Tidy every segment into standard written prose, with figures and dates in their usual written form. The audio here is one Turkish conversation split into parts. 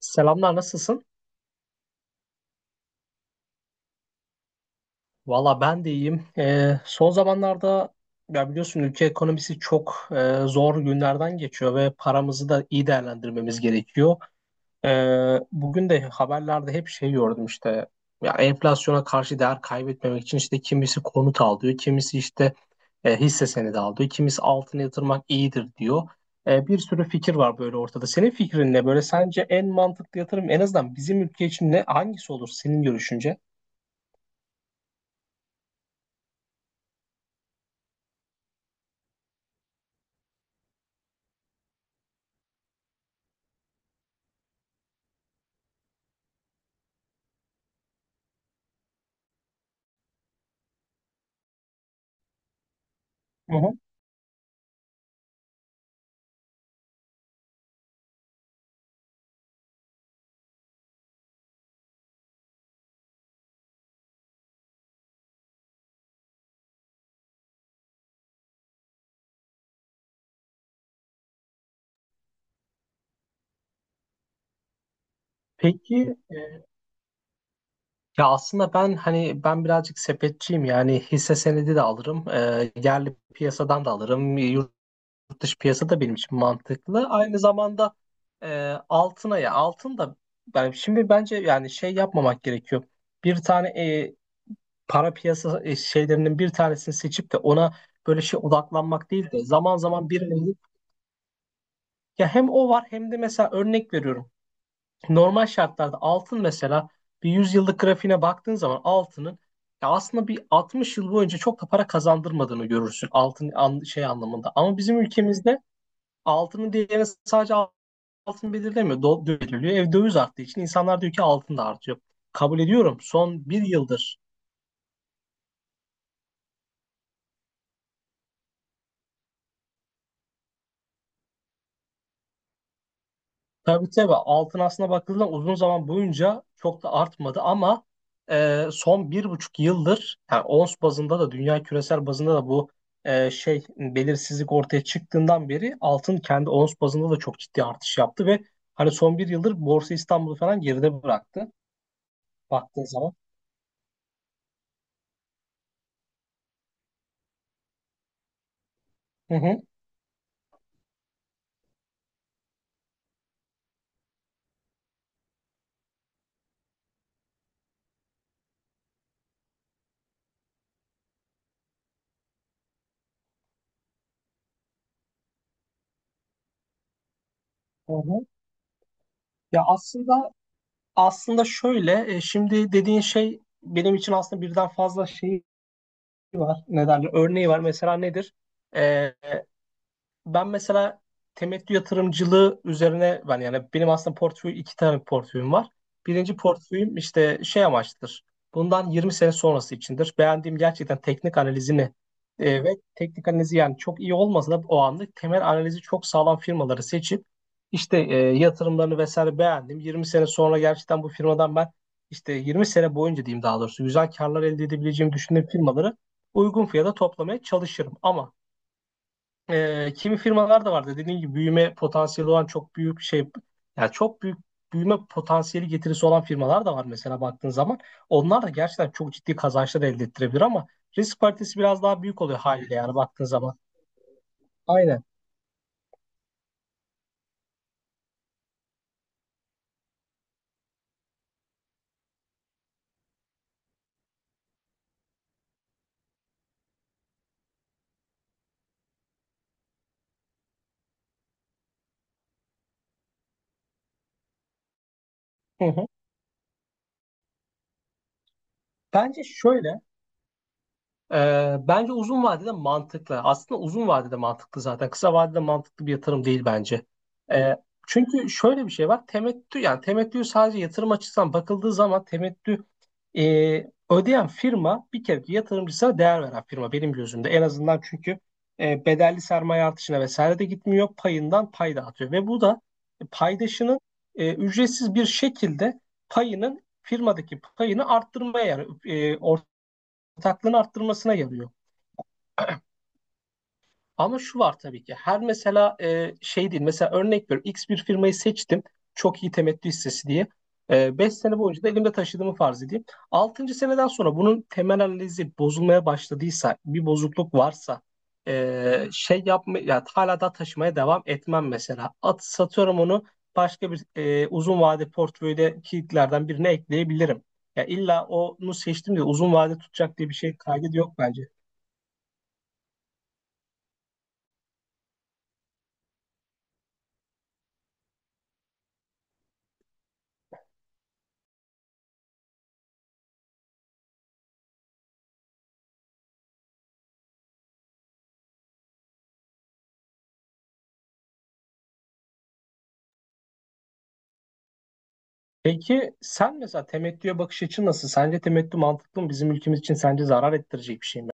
Selamlar, nasılsın? Valla ben de iyiyim. Son zamanlarda ya biliyorsun ülke ekonomisi çok zor günlerden geçiyor ve paramızı da iyi değerlendirmemiz gerekiyor. Bugün de haberlerde hep şey gördüm işte, ya enflasyona karşı değer kaybetmemek için işte kimisi konut al diyor, kimisi işte hisse senedi al diyor, kimisi altına yatırmak iyidir diyor. Bir sürü fikir var böyle ortada. Senin fikrin ne? Böyle sence en mantıklı yatırım en azından bizim ülke için ne? Hangisi olur senin görüşünce? Hı hı. Peki, ya aslında hani ben birazcık sepetçiyim, yani hisse senedi de alırım, yerli piyasadan da alırım, yurt dış piyasa da benim için mantıklı. Aynı zamanda altın da, ben şimdi bence yani şey yapmamak gerekiyor. Bir tane para piyasa şeylerinin bir tanesini seçip de ona böyle şey odaklanmak değil de zaman zaman birinin, ya hem o var hem de mesela örnek veriyorum. Normal şartlarda altın mesela bir 100 yıllık grafiğine baktığın zaman altının, ya aslında bir 60 yıl boyunca çok da para kazandırmadığını görürsün altın şey anlamında. Ama bizim ülkemizde altının değerini sadece altın belirlemiyor. Do belirliyor. Ev döviz arttığı için insanlar diyor ki altın da artıyor. Kabul ediyorum. Son bir yıldır, tabii tabii, altın aslına bakıldığında uzun zaman boyunca çok da artmadı ama son 1,5 yıldır yani ons bazında da dünya küresel bazında da bu şey belirsizlik ortaya çıktığından beri altın kendi ons bazında da çok ciddi artış yaptı ve hani son bir yıldır Borsa İstanbul'u falan geride bıraktı baktığın zaman. Hı hı. Hı hı. Ya aslında Aslında şöyle, şimdi dediğin şey benim için aslında birden fazla şeyi var. Ne derler? Örneği var. Mesela nedir? Ben mesela temettü yatırımcılığı üzerine benim aslında iki tane portföyüm var. Birinci portföyüm işte şey amaçlıdır. Bundan 20 sene sonrası içindir. Beğendiğim gerçekten e, ve teknik analizi yani çok iyi olmasa da o anlık temel analizi çok sağlam firmaları seçip işte yatırımlarını vesaire beğendim. 20 sene sonra gerçekten bu firmadan ben işte 20 sene boyunca diyeyim, daha doğrusu güzel karlar elde edebileceğimi düşündüğüm firmaları uygun fiyata toplamaya çalışırım. Ama kimi firmalar da vardı. Dediğim gibi büyüme potansiyeli olan çok büyük şey, yani çok büyük büyüme potansiyeli getirisi olan firmalar da var mesela baktığın zaman. Onlar da gerçekten çok ciddi kazançlar elde ettirebilir ama risk paritesi biraz daha büyük oluyor haliyle yani baktığın zaman. Aynen. Hı hı. Bence şöyle Bence uzun vadede mantıklı. Aslında uzun vadede mantıklı zaten. Kısa vadede mantıklı bir yatırım değil bence. Ee, Çünkü şöyle bir şey var. Temettü sadece yatırım açısından bakıldığı zaman temettü e, ödeyen firma bir kere ki yatırımcısına değer veren firma benim gözümde. En azından çünkü bedelli sermaye artışına vesaire de gitmiyor. Payından pay dağıtıyor ve bu da paydaşının ücretsiz bir şekilde payının firmadaki payını arttırmaya, yani ortaklığını arttırmasına yarıyor. Ama şu var, tabii ki her, mesela şey değil, mesela örnek veriyorum, X bir firmayı seçtim çok iyi temettü hissesi diye. 5 sene boyunca da elimde taşıdığımı farz edeyim. Altıncı seneden sonra bunun temel analizi bozulmaya başladıysa, bir bozukluk varsa şey yapma ya hala da taşımaya devam etmem mesela. Satıyorum onu, başka bir uzun vade portföyde kilitlerden birine ekleyebilirim. Ya illa onu seçtim diye uzun vade tutacak diye bir şey kaydı yok bence. Peki sen mesela temettüye bakış açın nasıl? Sence temettü mantıklı mı? Bizim ülkemiz için sence zarar ettirecek bir şey mi?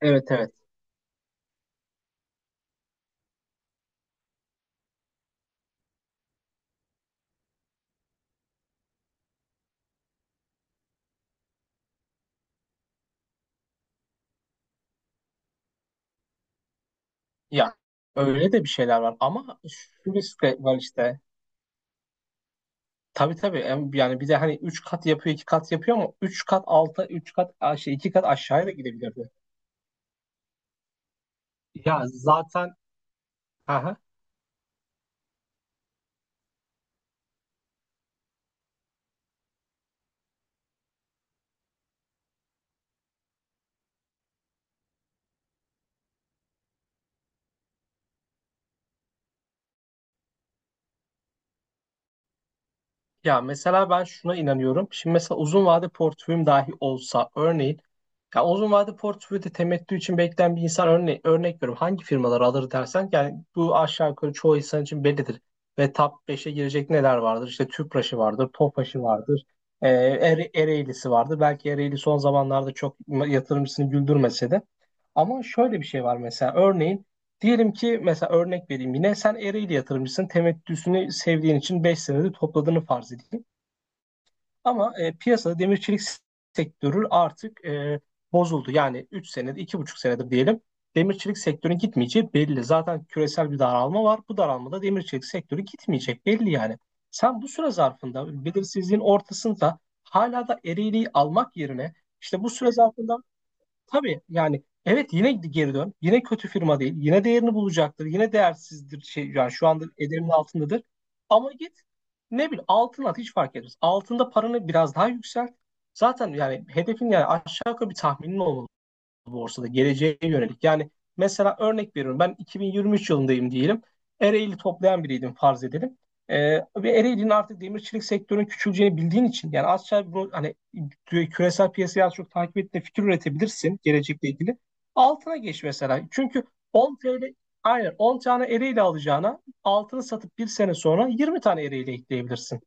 Evet evet. Ya öyle de bir şeyler var ama şu risk de var işte. Tabii tabii, yani bir de hani 3 kat yapıyor 2 kat yapıyor, ama 3 kat alta 3 kat aşağı iki kat aşağıya da gidebilirdi. Ya zaten. Aha. Ya mesela ben şuna inanıyorum. Şimdi mesela uzun vade portföyüm dahi olsa, örneğin ya uzun vade portföyde temettü için bekleyen bir insan, örnek veriyorum. Hangi firmaları alır dersen yani bu aşağı yukarı çoğu insan için bellidir. Ve top 5'e girecek neler vardır? İşte Tüpraş'ı vardır, Tofaş'ı vardır, Ereğli'si vardır. Belki Ereğli son zamanlarda çok yatırımcısını güldürmese de. Ama şöyle bir şey var, mesela örneğin diyelim ki, mesela örnek vereyim, yine sen Ereğli yatırımcısın, temettüsünü sevdiğin için 5 senede topladığını farz edeyim. Ama piyasada demirçilik sektörü artık bozuldu. Yani 3 senedir, 2,5 senedir diyelim, demirçilik çelik sektörünün gitmeyeceği belli. Zaten küresel bir daralma var. Bu daralmada demir çelik sektörü gitmeyecek belli yani. Sen bu süre zarfında belirsizliğin ortasında hala da ereğliği almak yerine, işte bu süre zarfında tabii yani, evet, yine geri dön. Yine kötü firma değil. Yine değerini bulacaktır. Yine değersizdir şey, yani şu anda ederinin altındadır. Ama git, ne bileyim, altın at, hiç fark etmez. Altında paranı biraz daha yükselt. Zaten yani hedefin, yani aşağı yukarı bir tahminin olmalı borsada geleceğe yönelik. Yani mesela örnek veriyorum, ben 2023 yılındayım diyelim. Ereğli toplayan biriydim farz edelim. Ve Ereğli'nin artık demir çelik sektörünün küçüleceğini bildiğin için, yani hani küresel piyasayı az çok takip ettiğinde fikir üretebilirsin gelecekle ilgili. Altına geç mesela. Çünkü 10 TL, aynen 10 tane Ereğli alacağına altını satıp bir sene sonra 20 tane Ereğli ekleyebilirsin.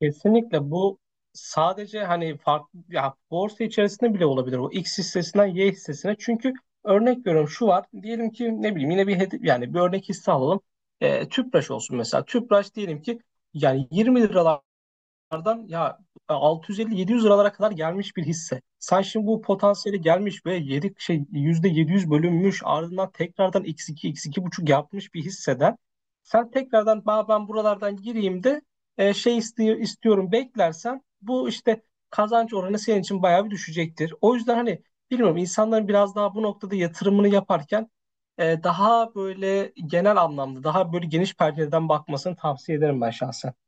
Kesinlikle bu sadece hani farklı, ya borsa içerisinde bile olabilir o X hissesinden Y hissesine. Çünkü örnek veriyorum, şu var. Diyelim ki ne bileyim, yine bir hedi yani bir örnek hisse alalım. Tüpraş olsun mesela. Tüpraş diyelim ki yani 20 liralar dolardan ya 650-700 liralara kadar gelmiş bir hisse. Sen şimdi bu potansiyeli gelmiş ve 7 şey %700 bölünmüş, ardından tekrardan x2 x iki buçuk yapmış bir hisseden sen tekrardan, ben buralardan gireyim de şey istiyorum, beklersen bu işte kazanç oranı senin için bayağı bir düşecektir. O yüzden hani bilmiyorum, insanların biraz daha bu noktada yatırımını yaparken daha böyle genel anlamda daha böyle geniş pencereden bakmasını tavsiye ederim ben şahsen.